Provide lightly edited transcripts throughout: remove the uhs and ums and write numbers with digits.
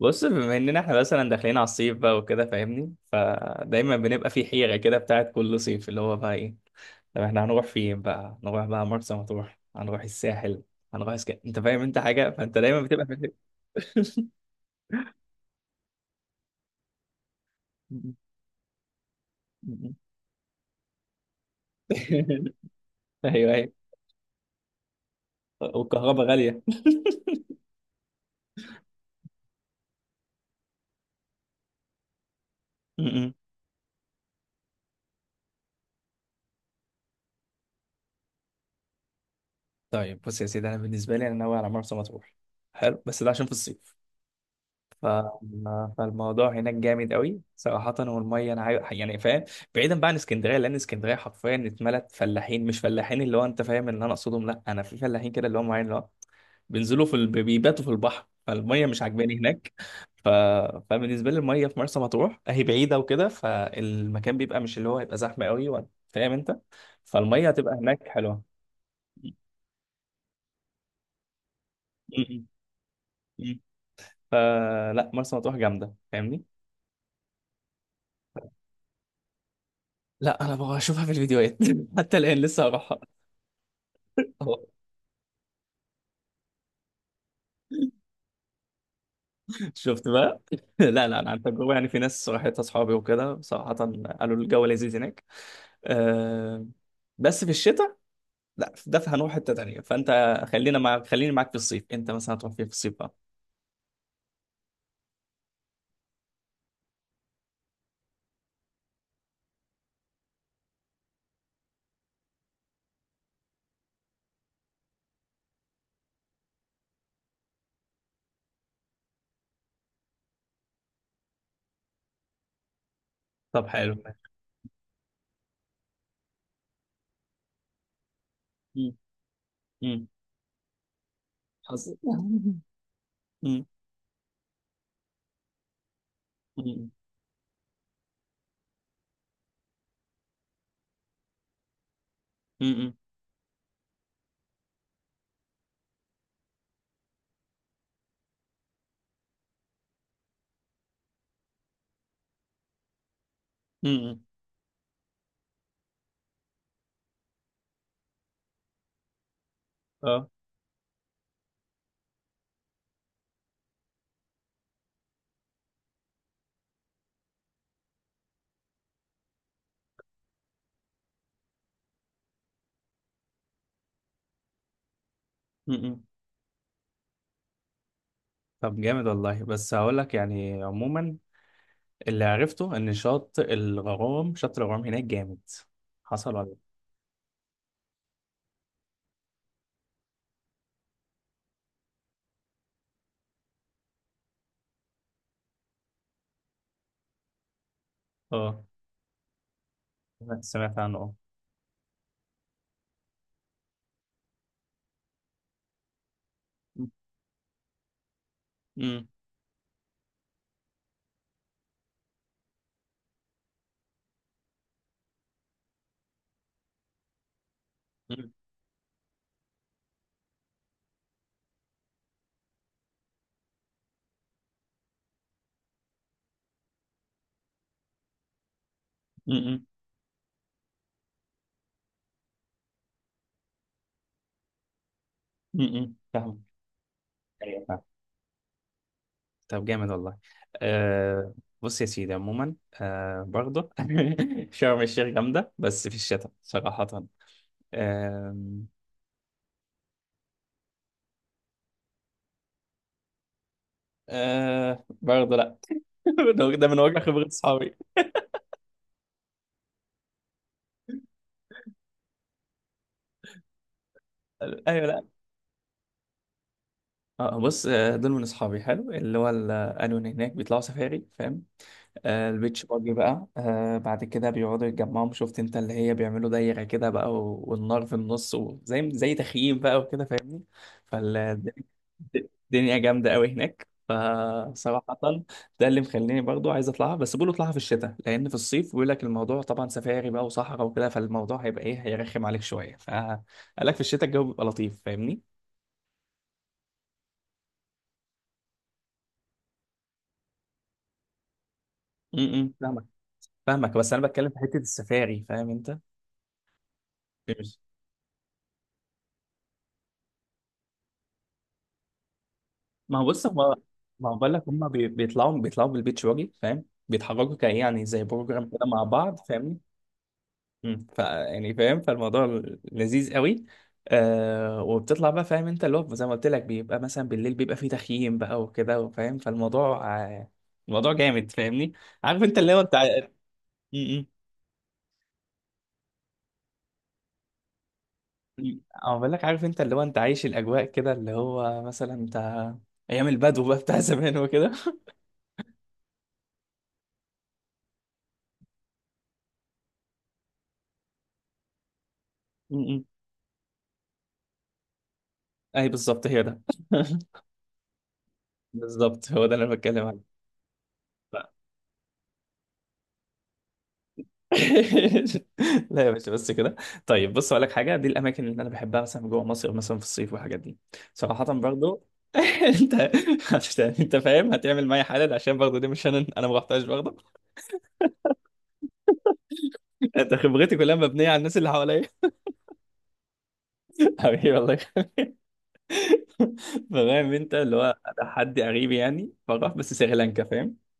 بص بما اننا احنا مثلا داخلين على الصيف بقى وكده فاهمني، فدايما بنبقى في حيرة كده بتاعت كل صيف اللي هو بقى ايه. طب احنا هنروح فين بقى؟ هنروح بقى مرسى مطروح، هنروح الساحل، انت فاهم انت حاجة، فانت دايما بتبقى في الحيرة. ايوه ايوه. والكهرباء غالية. م-م. طيب بص يا سيدي، انا بالنسبة لي انا ناوي على مرسى مطروح. حلو بس ده عشان في الصيف، ف... فالموضوع هناك جامد قوي صراحة، والمية أنا عايز يعني فاهم، بعيدا بقى عن اسكندرية، لأن اسكندرية حرفيا اتملت فلاحين. مش فلاحين اللي هو أنت فاهم إن أنا أقصدهم، لأ، أنا في فلاحين كده اللي هم معين اللي هو بيباتوا في البحر، فالمية مش عجباني هناك. ف... فبالنسبة لي المية في مرسى مطروح هي بعيدة وكده، فالمكان بيبقى مش اللي هو هيبقى زحمة قوي وأنت فاهم أنت، فالمية هتبقى هناك حلوة. م- م- م. فلا مرسى مطروح جامدة فاهمني. لا انا ببقى اشوفها في الفيديوهات حتى الان لسه هروحها. أهو. شفت بقى. لا لا انا عن تجربه يعني، في ناس راحت اصحابي وكده صراحه، قالوا الجو لذيذ هناك. أه بس في الشتاء. لا ده هنروح حته تانيه فانت، خلينا مع خليني معاك في الصيف. انت مثلا هتروح فين في الصيف بقى؟ طب حلو ماشي. مم. مم. حظ. مم. مم. مم. مم. مم. اه. مم. طب جامد والله. بس هقول لك يعني عموما، اللي عرفته ان شط الغرام هناك جامد. حصل ولا لأ؟ اه. سمعت عنه اه. امم. امم. فاهم. ايوه فاهم. طب جامد والله. آه. بص يا سيدي عموما، آه برضه شرم الشيخ جامده بس في الشتاء صراحه. آه. آه برضه لا. ده من واقع خبره اصحابي. ايوه لا. آه بص آه، دول من اصحابي حلو اللي هو قالوا ان هناك بيطلعوا سفاري فاهم، آه، البيتش باجي بقى، آه، بعد كده بيقعدوا يتجمعوا، شفت انت، اللي هي بيعملوا دايرة كده بقى والنار في النص، وزي زي تخييم بقى وكده فاهمني. فالدنيا جامدة قوي هناك فصراحة، ده اللي مخليني برضو عايز اطلعها. بس بيقولوا اطلعها في الشتاء، لان في الصيف بيقول لك الموضوع طبعا سفاري بقى وصحراء وكده، فالموضوع هيبقى ايه، هيرخم عليك شوية، فقال لك في الشتاء الجو بيبقى لطيف فاهمني. م- م، فاهمك. فاهمك، بس انا بتكلم في حتة السفاري فاهم انت. ما هو بص هو، ما هو بقول لك هم بيطلعوا بالبيتش واجي فاهم، بيتحركوا كايه يعني زي بروجرام كده مع بعض فاهمني. ف يعني فاهم، فالموضوع لذيذ قوي. آه وبتطلع بقى، فاهم انت اللي هو زي ما قلت لك بيبقى مثلا بالليل بيبقى فيه تخييم بقى وكده فاهم، فالموضوع آه، الموضوع جامد فاهمني. عارف انت اللي هو انت م- م. م- أنا بقول لك، عارف انت اللي هو انت عايش الاجواء كده، اللي هو مثلا انت ايام البدو بقى بتاع زمان وكده. م- م. اي بالظبط هي ده. بالظبط هو ده اللي انا بتكلم عليه. لا لا يا باشا بس كده. طيب بص اقول لك حاجه، دي الاماكن اللي انا بحبها مثلا جوه مصر مثلا في الصيف والحاجات دي صراحه برضو. انت انت فاهم هتعمل معايا حالا، عشان برضو دي مش انا، انا ما رحتهاش برضو. انت خبرتي كلها مبنيه على الناس اللي حواليا. حبيبي والله. فاهم انت اللي هو ده حد قريب يعني فراح بس سريلانكا فاهم.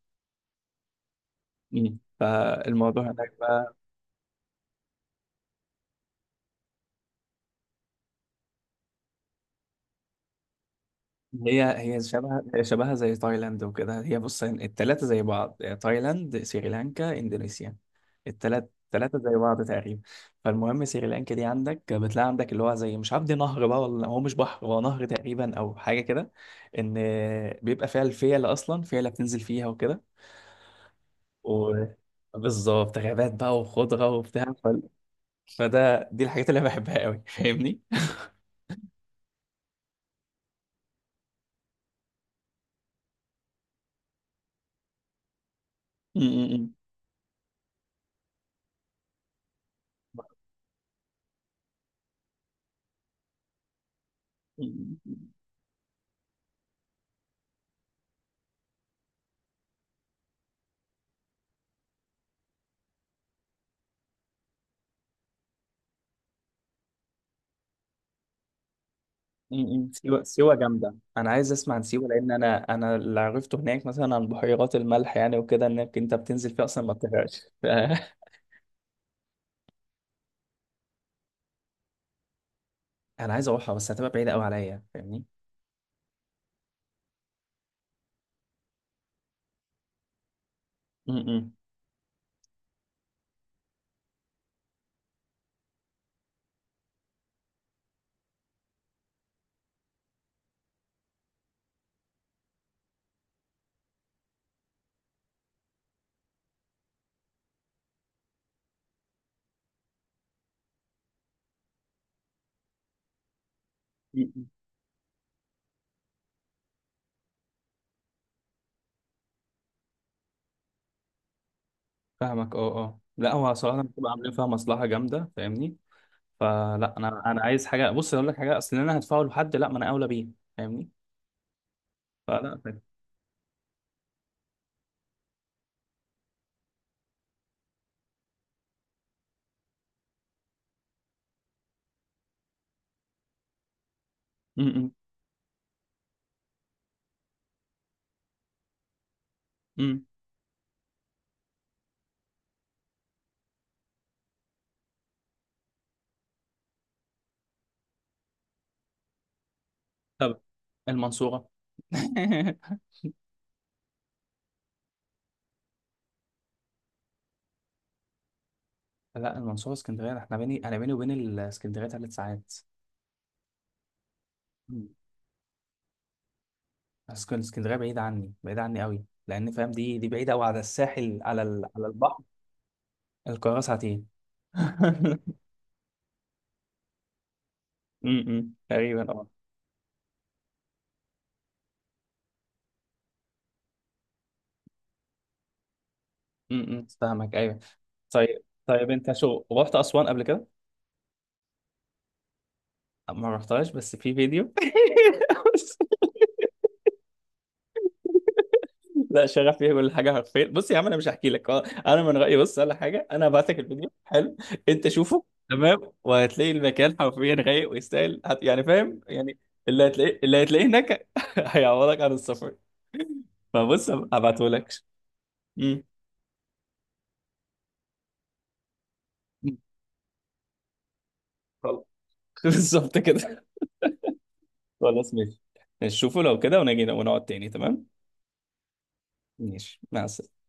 مم. فالموضوع هناك بقى، هي شبهها زي تايلاند وكده، هي بص التلاتة زي بعض، تايلاند سريلانكا اندونيسيا، التلاتة زي بعض تقريبا. فالمهم سريلانكا دي عندك بتلاقي عندك اللي هو زي مش عارف، نهر بقى ولا هو مش بحر، هو نهر تقريبا او حاجة كده، ان بيبقى فيها الفيلة، اصلا فيلة بتنزل فيها وكده، و بالظبط غابات بقى وخضرة وبتاع، فده دي الحاجات اللي انا بحبها قوي فاهمني؟ م- م. سيوة جامدة، أنا عايز أسمع عن سيوة، لأن أنا اللي عرفته هناك مثلا عن بحيرات الملح يعني وكده، إنك أنت بتنزل فيها أصلا ما بتغرقش. أنا عايز أروحها، بس هتبقى بعيدة أوي عليا فاهمني؟ م- م. م- م. فاهمك. أه أه لا هو صراحة بتبقى عاملين فيها مصلحة جامدة فاهمني؟ فلا أنا عايز حاجة، بص أقول لك حاجة، أصل أنا هدفعه لحد، لا ما أنا أولى بيه، فاهمني؟ فلا فاهم. م- م. م. طب المنصورة. لا المنصورة اسكندرية، احنا بيني وبين الاسكندرية 3 ساعات. اسكندريه بعيده عني، بعيده عني قوي، لان فاهم دي بعيده قوي على الساحل، على على البحر. القاهره ساعتين. تقريبا اه. فاهمك ايوه. طيب طيب، انت شو رحت اسوان قبل كده؟ ما رحتهاش بس في فيديو. لا شغف فيها كل حاجه حرفيا، بص يا عم انا مش هحكي لك، آه، انا من رايي بص ولا حاجه، انا هبعتك الفيديو، حلو، انت شوفه، تمام، وهتلاقي المكان حرفيا رايق ويستاهل، يعني فاهم يعني، اللي هتلاقيه هناك هيعوضك عن السفر، فبص هبعته لك. امم. خلاص. بالظبط كده. خلاص ماشي. شوفوا لو كده ونجي ونقعد تاني تمام. ماشي مع السلامه.